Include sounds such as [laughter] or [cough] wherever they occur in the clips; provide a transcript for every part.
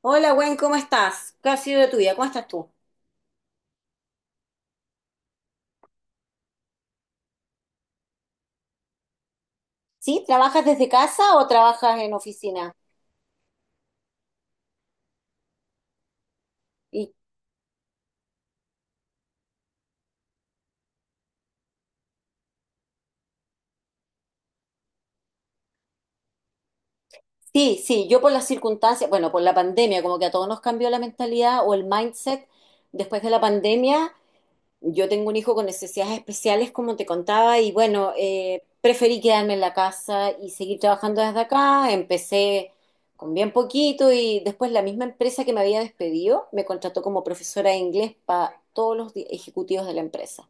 Hola, Gwen, ¿cómo estás? ¿Qué ha sido de tu vida? ¿Cómo estás tú? ¿Sí? ¿Trabajas desde casa o trabajas en oficina? Y sí, sí, yo por las circunstancias, bueno, por la pandemia, como que a todos nos cambió la mentalidad o el mindset después de la pandemia. Yo tengo un hijo con necesidades especiales, como te contaba, y bueno, preferí quedarme en la casa y seguir trabajando desde acá. Empecé con bien poquito y después la misma empresa que me había despedido me contrató como profesora de inglés para todos los ejecutivos de la empresa.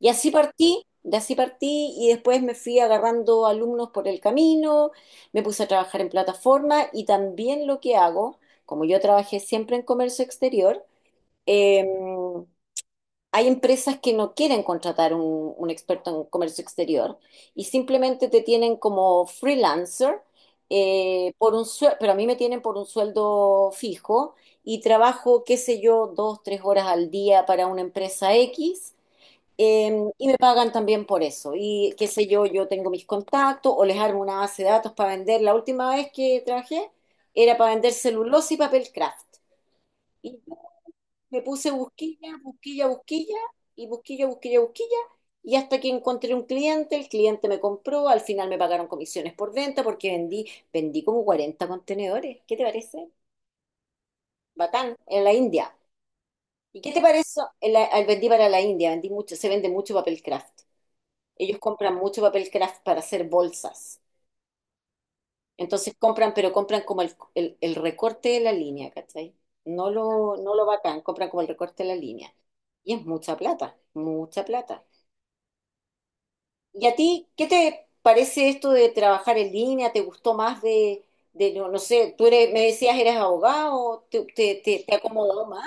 Y así partí, y después me fui agarrando alumnos por el camino, me puse a trabajar en plataforma y también lo que hago, como yo trabajé siempre en comercio exterior, eh, hay empresas que no quieren contratar un experto en comercio exterior y simplemente te tienen como freelancer por un sueldo, pero a mí me tienen por un sueldo fijo y trabajo, qué sé yo, 2, 3 horas al día para una empresa X eh, y me pagan también por eso. Y qué sé yo, yo tengo mis contactos o les armo una base de datos para vender. La última vez que trabajé era para vender celulosa y papel craft. Y yo me puse busquilla, busquilla, busquilla y busquilla, busquilla, busquilla. Y hasta que encontré un cliente, el cliente me compró, al final me pagaron comisiones por venta porque vendí como 40 contenedores. ¿Qué te parece? Batán, en la India. ¿Y qué te parece? Vendí para la India, vendí mucho, se vende mucho papel craft. Ellos compran mucho papel craft para hacer bolsas. Entonces compran, pero compran como el recorte de la línea, ¿cachai? No lo bacán, compran como el recorte de la línea. Y es mucha plata, mucha plata. ¿Y a ti qué te parece esto de trabajar en línea? ¿Te gustó más de no, sé, tú eres, me decías eres abogado, te acomodó más?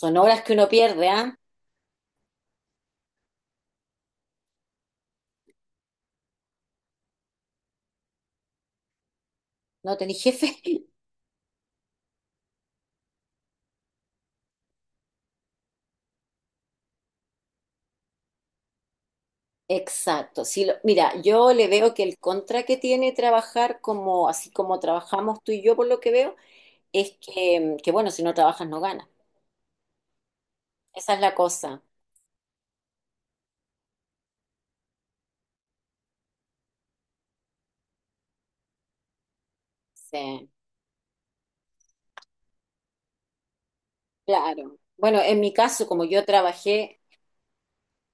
Son horas que uno pierde, ¿ah? ¿No tenés jefe? Exacto. Sí, mira, yo le veo que el contra que tiene trabajar como así como trabajamos tú y yo, por lo que veo, es que, bueno, si no trabajas no ganas. Esa es la cosa. Sí, claro. Bueno, en mi caso, como yo trabajé,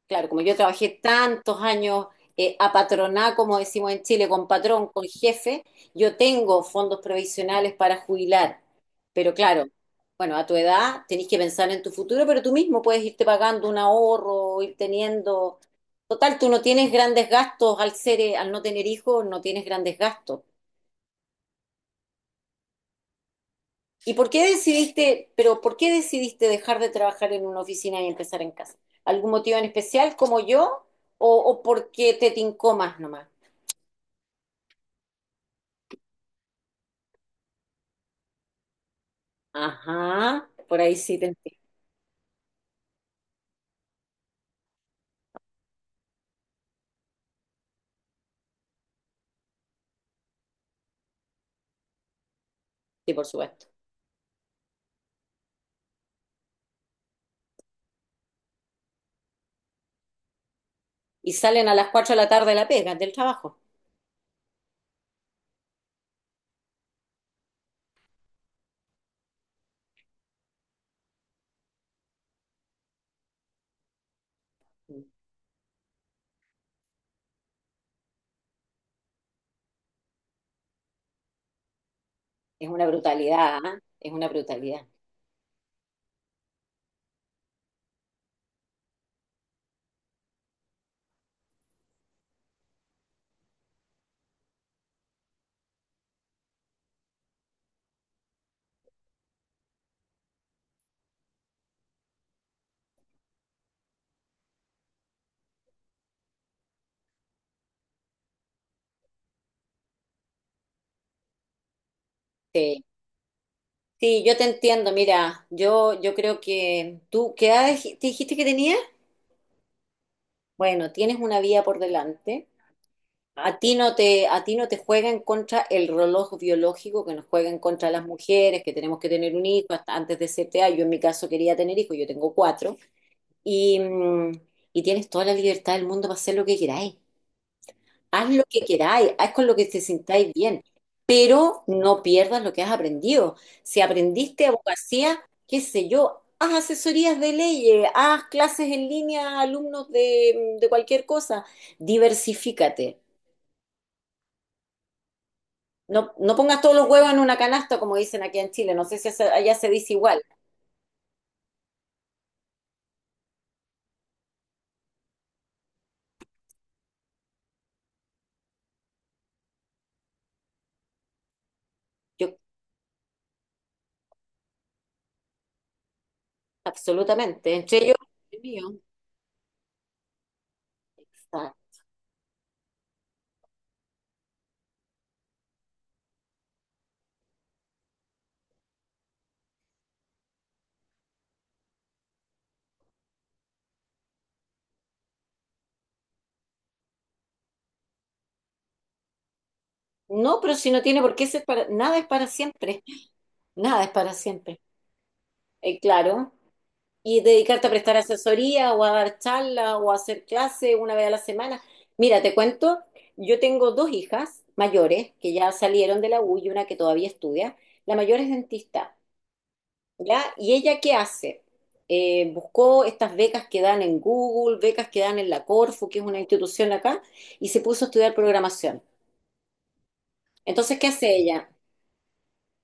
claro, como yo trabajé tantos años a patroná, como decimos en Chile, con patrón, con jefe, yo tengo fondos provisionales para jubilar. Pero claro, bueno, a tu edad tenés que pensar en tu futuro, pero tú mismo puedes irte pagando un ahorro, ir teniendo. Total, tú no tienes grandes gastos al ser, al no tener hijos, no tienes grandes gastos. ¿Y por qué decidiste, pero por qué decidiste dejar de trabajar en una oficina y empezar en casa? ¿Algún motivo en especial como yo o porque te tincó más nomás? Ajá, por ahí sí te entiendo. Sí, por supuesto. Y salen a las 4 de la tarde de la pega, del trabajo. Es una brutalidad, ¿ah? Es una brutalidad. Sí. Sí, yo te entiendo. Mira, yo creo que tú, ¿qué edad te dijiste que tenías? Bueno, tienes una vía por delante. A ti no te juega en contra el reloj biológico que nos juega en contra a las mujeres, que tenemos que tener un hijo hasta antes de cierta edad. Yo en mi caso quería tener hijos, yo tengo cuatro. Y, mm, y tienes toda la libertad del mundo para hacer lo que queráis. Haz lo que queráis, haz con lo que te sintáis bien, pero no pierdas lo que has aprendido. Si aprendiste abogacía, qué sé yo, haz asesorías de leyes, haz clases en línea a alumnos de cualquier cosa, diversifícate. No, no pongas todos los huevos en una canasta, como dicen aquí en Chile, no sé si allá se dice igual. Yo, absolutamente, entre ellos, el mío. Exacto. No, pero si no tiene por qué ser para, nada es para siempre, nada es para siempre. Claro. Y dedicarte a prestar asesoría o a dar charlas o a hacer clases una vez a la semana. Mira, te cuento, yo tengo dos hijas mayores que ya salieron de la U y una que todavía estudia. La mayor es dentista, ¿ya? ¿Y ella qué hace? Buscó estas becas que dan en Google, becas que dan en la Corfu, que es una institución acá, y se puso a estudiar programación. Entonces, ¿qué hace ella?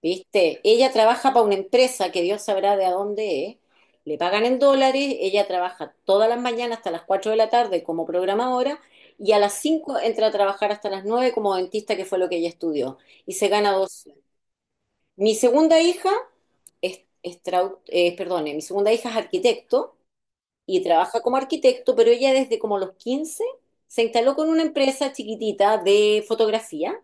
¿Viste? Ella trabaja para una empresa que Dios sabrá de a dónde es. Le pagan en dólares, ella trabaja todas las mañanas hasta las 4 de la tarde como programadora y a las 5 entra a trabajar hasta las 9 como dentista, que fue lo que ella estudió. Y se gana dos. Mi segunda hija perdone, mi segunda hija es arquitecto y trabaja como arquitecto, pero ella desde como los 15 se instaló con una empresa chiquitita de fotografía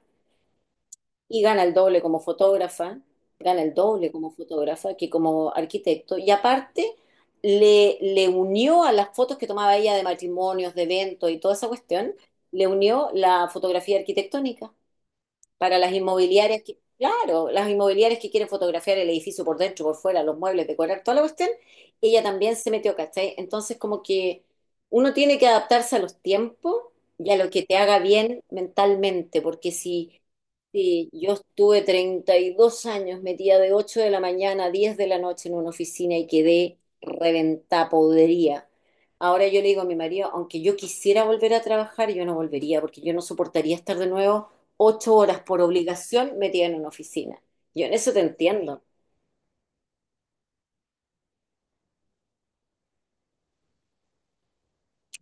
y gana el doble como fotógrafa, gana el doble como fotógrafa que como arquitecto. Y aparte le unió a las fotos que tomaba ella de matrimonios, de eventos y toda esa cuestión, le unió la fotografía arquitectónica para las inmobiliarias que, claro, las inmobiliarias que quieren fotografiar el edificio por dentro, por fuera, los muebles, decorar toda la cuestión, ella también se metió, ¿cachai? Entonces, como que uno tiene que adaptarse a los tiempos y a lo que te haga bien mentalmente, porque si yo estuve 32 años metida de 8 de la mañana a 10 de la noche en una oficina y quedé reventada, podría. Ahora yo le digo a mi marido, aunque yo quisiera volver a trabajar, yo no volvería, porque yo no soportaría estar de nuevo 8 horas por obligación metida en una oficina. Yo en eso te entiendo.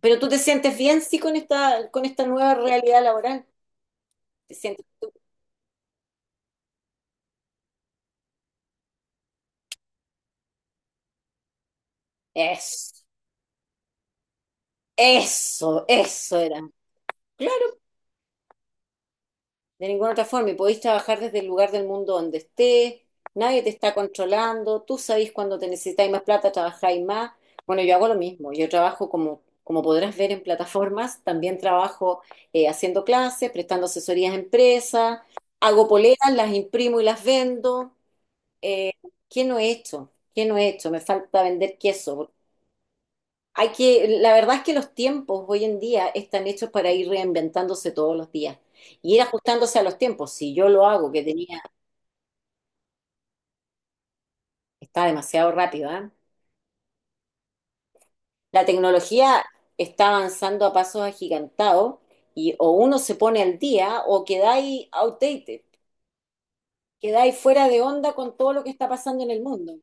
Pero tú te sientes bien, sí, con esta, nueva realidad laboral. Te sientes tú. Eso, eso era. Claro. De ninguna otra forma. Y podéis trabajar desde el lugar del mundo donde estés, nadie te está controlando, tú sabéis cuando te necesitáis más plata, trabajáis más. Bueno, yo hago lo mismo, yo trabajo como, podrás ver en plataformas, también trabajo haciendo clases, prestando asesorías a empresas, hago poleras, las imprimo y las vendo. Eh, ¿qué no he hecho? ¿Qué no he hecho? Me falta vender queso, hay que, la verdad es que los tiempos hoy en día están hechos para ir reinventándose todos los días y ir ajustándose a los tiempos. Si yo lo hago, que tenía, está demasiado rápido, ¿ah? La tecnología está avanzando a pasos agigantados y o uno se pone al día o quedáis outdated, quedáis fuera de onda con todo lo que está pasando en el mundo.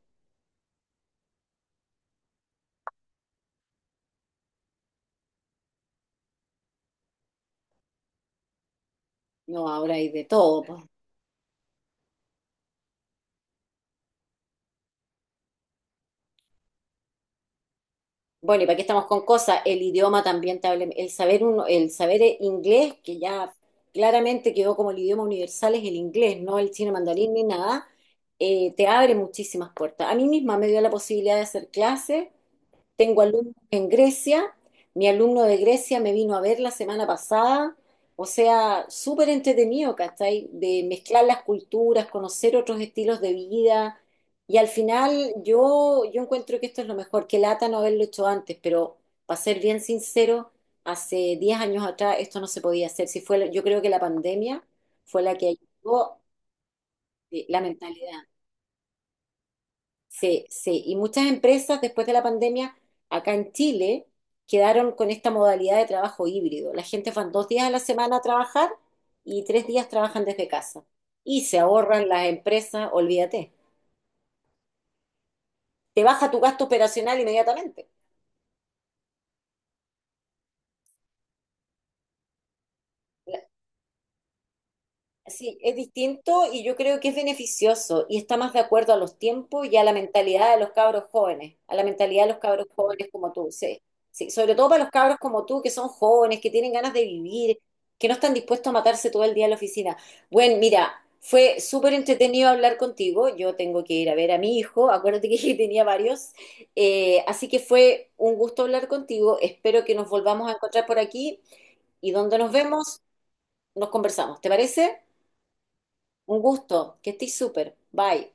No, ahora hay de todo. Bueno, y para qué estamos con cosas, el idioma también el saber uno, el saber inglés, que ya claramente quedó como el idioma universal, es el inglés, no el chino mandarín ni nada, te abre muchísimas puertas. A mí misma me dio la posibilidad de hacer clases. Tengo alumnos en Grecia, mi alumno de Grecia me vino a ver la semana pasada, o sea, súper entretenido, ¿cachai? De mezclar las culturas, conocer otros estilos de vida. Y al final yo encuentro que esto es lo mejor, que lata no haberlo hecho antes, pero para ser bien sincero, hace 10 años atrás esto no se podía hacer. Si fue, yo creo que la pandemia fue la que ayudó la mentalidad. Sí, sí, y muchas empresas después de la pandemia acá en Chile quedaron con esta modalidad de trabajo híbrido. La gente van 2 días a la semana a trabajar y 3 días trabajan desde casa. Y se ahorran las empresas, olvídate. Te baja tu gasto operacional inmediatamente. Sí, es distinto y yo creo que es beneficioso y está más de acuerdo a los tiempos y a la mentalidad de los cabros jóvenes, a la mentalidad de los cabros jóvenes como tú, sí. Sí, sobre todo para los cabros como tú, que son jóvenes, que tienen ganas de vivir, que no están dispuestos a matarse todo el día en la oficina. Bueno, mira, fue súper entretenido hablar contigo. Yo tengo que ir a ver a mi hijo, acuérdate que [laughs] tenía varios. Así que fue un gusto hablar contigo. Espero que nos volvamos a encontrar por aquí y donde nos vemos, nos conversamos. ¿Te parece? Un gusto, que estés súper. Bye.